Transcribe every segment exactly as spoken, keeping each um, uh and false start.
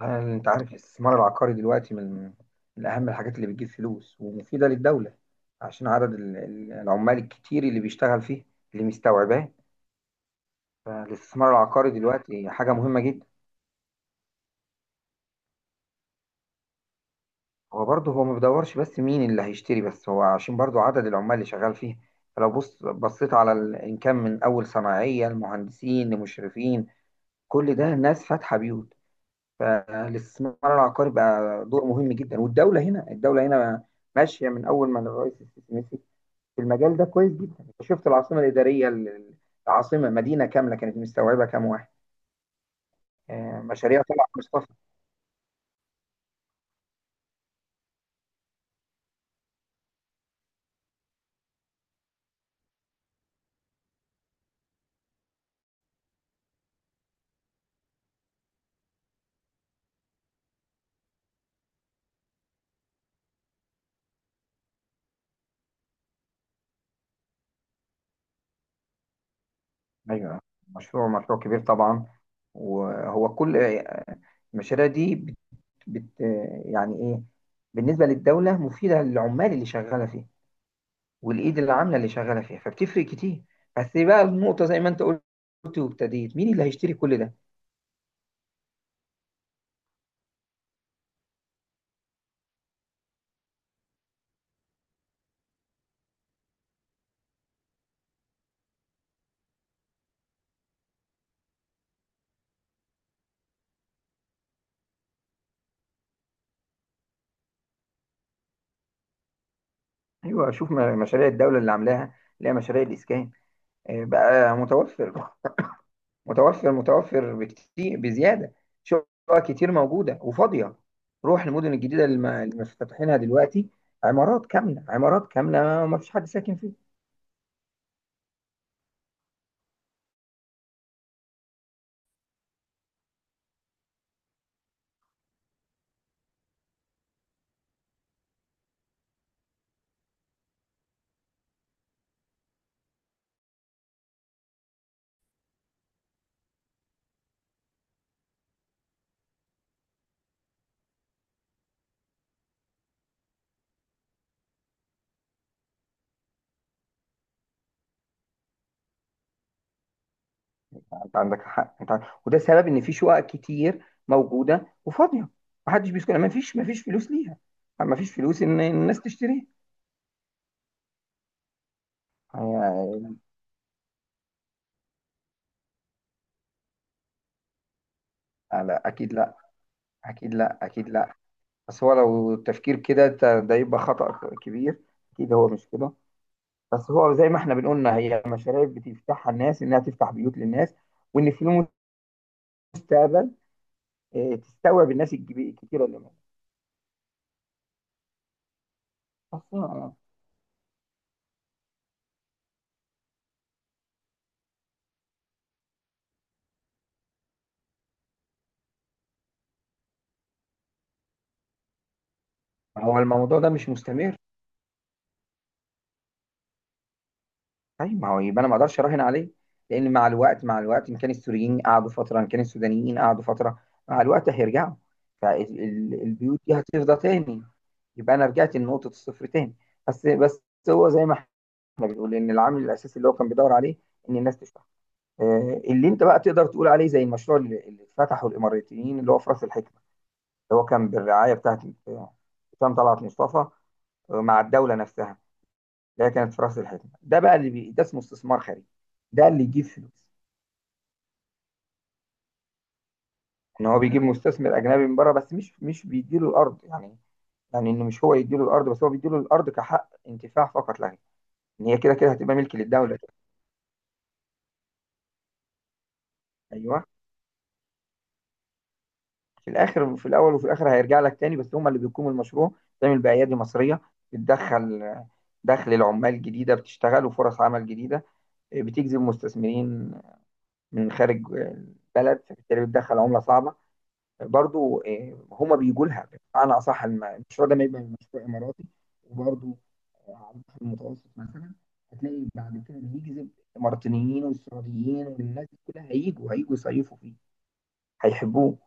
يعني انت عارف الاستثمار العقاري دلوقتي من من اهم الحاجات اللي بتجيب فلوس ومفيدة للدولة، عشان عدد ال- ال- العمال الكتير اللي بيشتغل فيه، اللي مستوعباه. فالاستثمار العقاري دلوقتي حاجة مهمة جدا. هو برضه هو ما بيدورش، بس مين اللي هيشتري؟ بس هو عشان برضه عدد العمال اللي شغال فيه. فلو بص بصيت على ال- ان كان من اول صناعية لمهندسين لمشرفين، كل ده ناس فاتحة بيوت. فالاستثمار العقاري بقى دور مهم جدا. والدولة هنا، الدولة هنا ماشية من أول ما الرئيس السيسي مسك في المجال ده كويس جدا. انت شفت العاصمه الاداريه ال- العاصمه مدينه كامله، كانت مستوعبه كام واحد؟ آه، مشاريع طلعت مصطفى. ايوه، مشروع مشروع كبير طبعا. وهو كل آه، المشاريع دي بت بت آه، يعني ايه، بالنسبه للدوله مفيده للعمال اللي شغاله فيها والايد اللي عامله اللي شغاله فيها، فبتفرق كتير. بس بقى النقطه زي ما انت قلت وابتديت: مين اللي هيشتري كل ده؟ ايوه، شوف م- مشاريع الدوله اللي عاملاها، اللي هي مشاريع الاسكان، آه، بقى متوفر، متوفر متوفر بكتير بزياده. شقق كتير موجوده وفاضيه. روح المدن الجديده الم- اللي مفتتحينها دلوقتي، عمارات كامله عمارات كامله وما فيش حد ساكن فيها. انت عندك حق، انت عن- وده سبب ان في شقق كتير موجوده وفاضيه، ما حدش بيسكن، ما فيش ما فيش فلوس ليها، ما فيش فلوس ان الناس تشتريها. يعني لا، اكيد لا، اكيد لا، اكيد لا. بس هو لو التفكير كده ده ده يبقى خطأ كبير. اكيد هو مش كده. بس هو زي ما احنا بنقولنا هي مشاريع بتفتحها الناس انها تفتح بيوت للناس، وان في المستقبل آه، تستوعب الناس الجب- الكتيره اللي موجوده اصلا. ما هو الموضوع ده مش مستمر. طيب ما هو يبقى انا ما اقدرش اراهن عليه، لان مع الوقت، مع الوقت ان كان السوريين قعدوا فتره، ان كان السودانيين قعدوا فتره، مع الوقت هيرجعوا، فالبيوت دي هتفضى تاني، يبقى انا رجعت لنقطه الصفر تاني. بس بس هو زي ما احنا بنقول ان العامل الاساسي اللي هو كان بيدور عليه ان الناس تشتغل، آه، اللي انت بقى تقدر تقول عليه زي المشروع اللي اللي اتفتحه الاماراتيين، اللي هو في راس الحكمه، اللي هو كان بالرعايه بتاعت آه، حسام طلعت مصطفى، آه، مع الدوله نفسها. اللي هي كانت في راس الحكمه ده بقى، اللي بي... ده اسمه استثمار خارجي. ده اللي يجيب فلوس. ان هو بيجيب مستثمر اجنبي من بره، بس مش مش بيديله الارض يعني. يعني انه مش هو يديله الارض، بس هو بيديله الارض كحق انتفاع فقط لا غير، ان هي كده كده هتبقى ملك للدوله. ايوه، في الاخر، في الاول وفي الاخر هيرجع لك تاني، بس هم اللي بيقوموا المشروع، تعمل بايادي مصريه، بتدخل دخل العمال جديده بتشتغل، وفرص عمل جديده، آه، بتجذب مستثمرين من خارج البلد، فبالتالي بتدخل عمله صعبه برضو، هم بيجوا لها. بمعنى اصح، المشروع ده ما يبقى مشروع اماراتي، وبرضو آه، على البحر المتوسط مثلا، هتلاقي بعد كده بيجذب الاماراتيين والسعوديين والناس دي كلها، هيجوا هيجوا يصيفوا فيه، هيحبوه.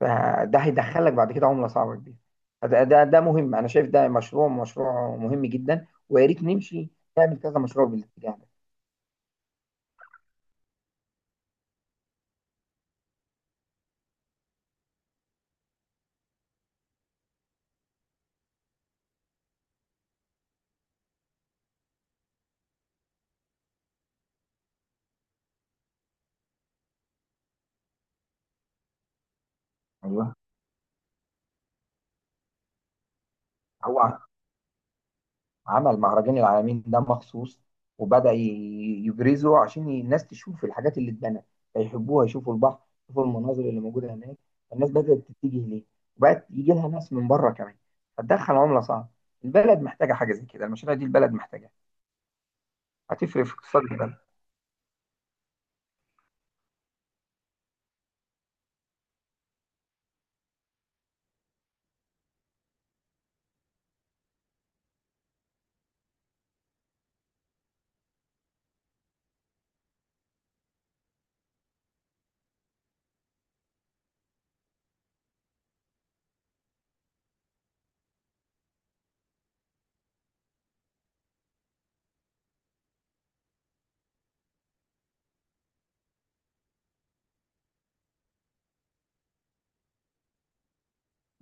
فده هيدخلك بعد كده عملة صعبة كبيرة. ده ده ده مهم، أنا شايف ده مشروع مشروع مهم جدا. ويا ريت نمشي نعمل كذا مشروع بالاتجاه ده. ايوه، هو عمل مهرجان العالمين ده مخصوص، وبدأ ي- يبرزه عشان الناس تشوف الحاجات اللي اتبنت فيحبوها، يشوفوا البحر، يشوفوا المناظر اللي موجودة هناك. الناس بدأت تتجه ليه، وبقت يجي لها ناس من بره كمان، فتدخل عملة صعبة. البلد محتاجة حاجة زي كده، المشاريع دي البلد محتاجة. هتفرق في اقتصاد البلد.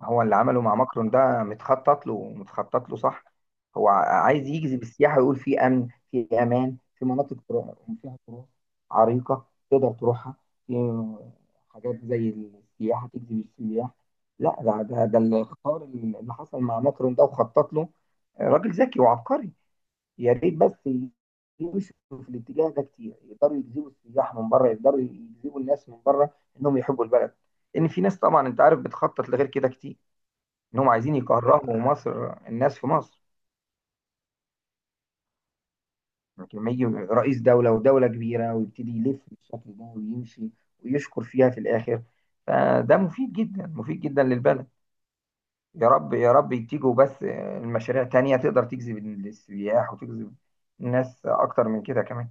هو اللي عمله مع ماكرون ده متخطط له، متخطط له صح. هو ع- عايز يجذب السياحة، ويقول في أمن، في أمان، في مناطق ترا- فيها تراث عريقة تقدر تروحها، في حاجات زي السياحة تجذب السياح. لا، ده ده, ده الاختيار اللي حصل مع ماكرون ده وخطط له. راجل ذكي وعبقري. يا ريت بس يمشوا في الاتجاه ده كتير، يقدروا يجذبوا السياح من بره، يقدروا يجذبوا الناس من بره، انهم يحبوا البلد. ان في ناس طبعا انت عارف بتخطط لغير كده كتير، انهم عايزين يكرهوا مصر، الناس في مصر. لكن لما يجي رئيس دولة ودولة كبيرة ويبتدي يلف بالشكل ده ويمشي ويشكر فيها في الآخر، فده مفيد جدا، مفيد جدا للبلد. يا رب يا رب يتيجوا بس المشاريع تانية تقدر تجذب السياح وتجذب الناس أكتر من كده كمان.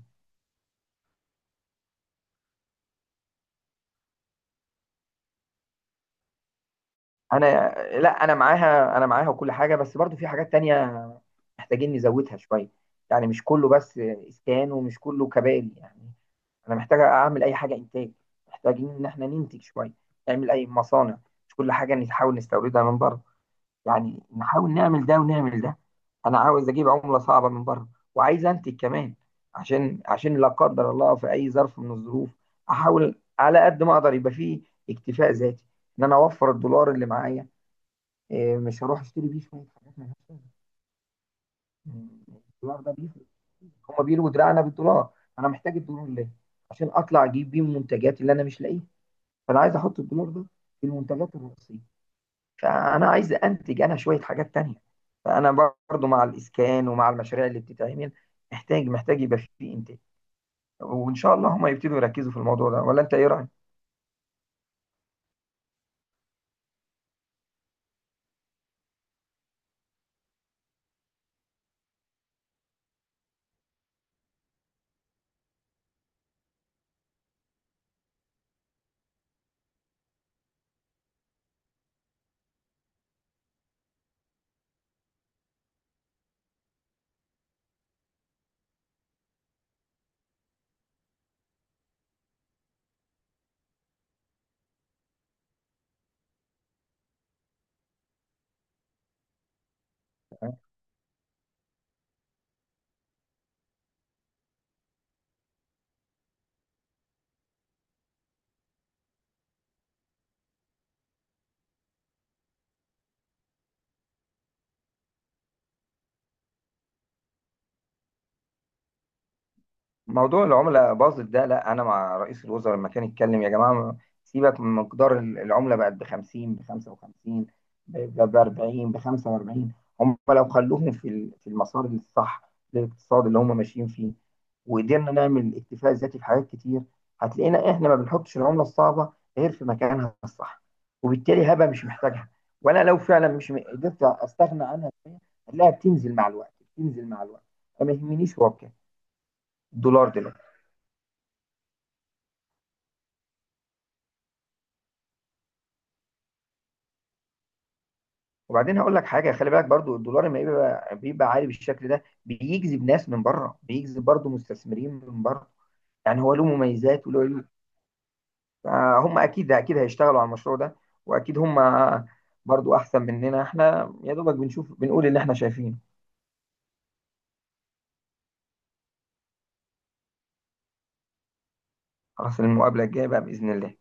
أنا لا، أنا معاها، أنا معاها وكل حاجة. بس برضو في حاجات تانية محتاجين نزودها شوية، يعني مش كله بس إسكان، ومش كله كباري يعني. انا محتاج اعمل اي حاجه انتاج. محتاجين ان احنا ننتج شويه، نعمل اي مصانع، مش كل حاجه نحاول نستوردها من بره. يعني نحاول نعمل ده ونعمل ده. انا عاوز اجيب عمله صعبه من بره، وعايز انتج كمان. عشان عشان لا قدر الله في اي ظرف من الظروف، احاول على قد ما اقدر يبقى فيه اكتفاء ذاتي، ان انا اوفر الدولار اللي معايا. إيه، مش هروح اشتري بيه شويه حاجات مالهاش لازمه. الدولار ده بيفرق. هما بيلوا دراعنا بالدولار. انا محتاج الدولار ليه؟ عشان اطلع اجيب بيه المنتجات اللي انا مش لاقيها. فانا عايز احط الدولار ده في المنتجات الرئيسيه. فانا عايز انتج انا شويه حاجات تانية. فانا برضو مع الاسكان ومع المشاريع اللي بتتعمل، محتاج محتاج يبقى في انتاج. وان شاء الله هم يبتدوا يركزوا في الموضوع ده. ولا انت ايه رايك؟ موضوع العملة باظت ده، لا أنا مع رئيس الوزراء لما كان يتكلم. يا جماعة سيبك من مقدار ال- العملة بقت ب خمسين، ب خمسة وخمسين، ب أربعين، ب خمسة وأربعين. هم لو خلوهم في ال- في المسار الصح للاقتصاد اللي هم ماشيين فيه، وقدرنا نعمل اكتفاء ذاتي في حاجات كتير، هتلاقينا إحنا ما بنحطش العملة الصعبة غير في مكانها الصح، وبالتالي هبة مش محتاجها. وأنا لو فعلا مش م- قدرت أستغنى عنها شوية، هتلاقيها بتنزل مع الوقت، بتنزل مع الوقت، فما يهمنيش هو بكام الدولار دلوقتي. وبعدين هقول لك حاجه، خلي بالك برضو الدولار لما بيبقى بيبقى عالي بالشكل ده بيجذب ناس من بره، بيجذب برضو مستثمرين من بره. يعني هو له مميزات وله عيوب. فهم اكيد اكيد هيشتغلوا على المشروع ده، واكيد هم برضو احسن مننا. احنا يا دوبك بنشوف بنقول اللي احنا شايفينه. خلاص، المقابله الجايه بقى باذن الله.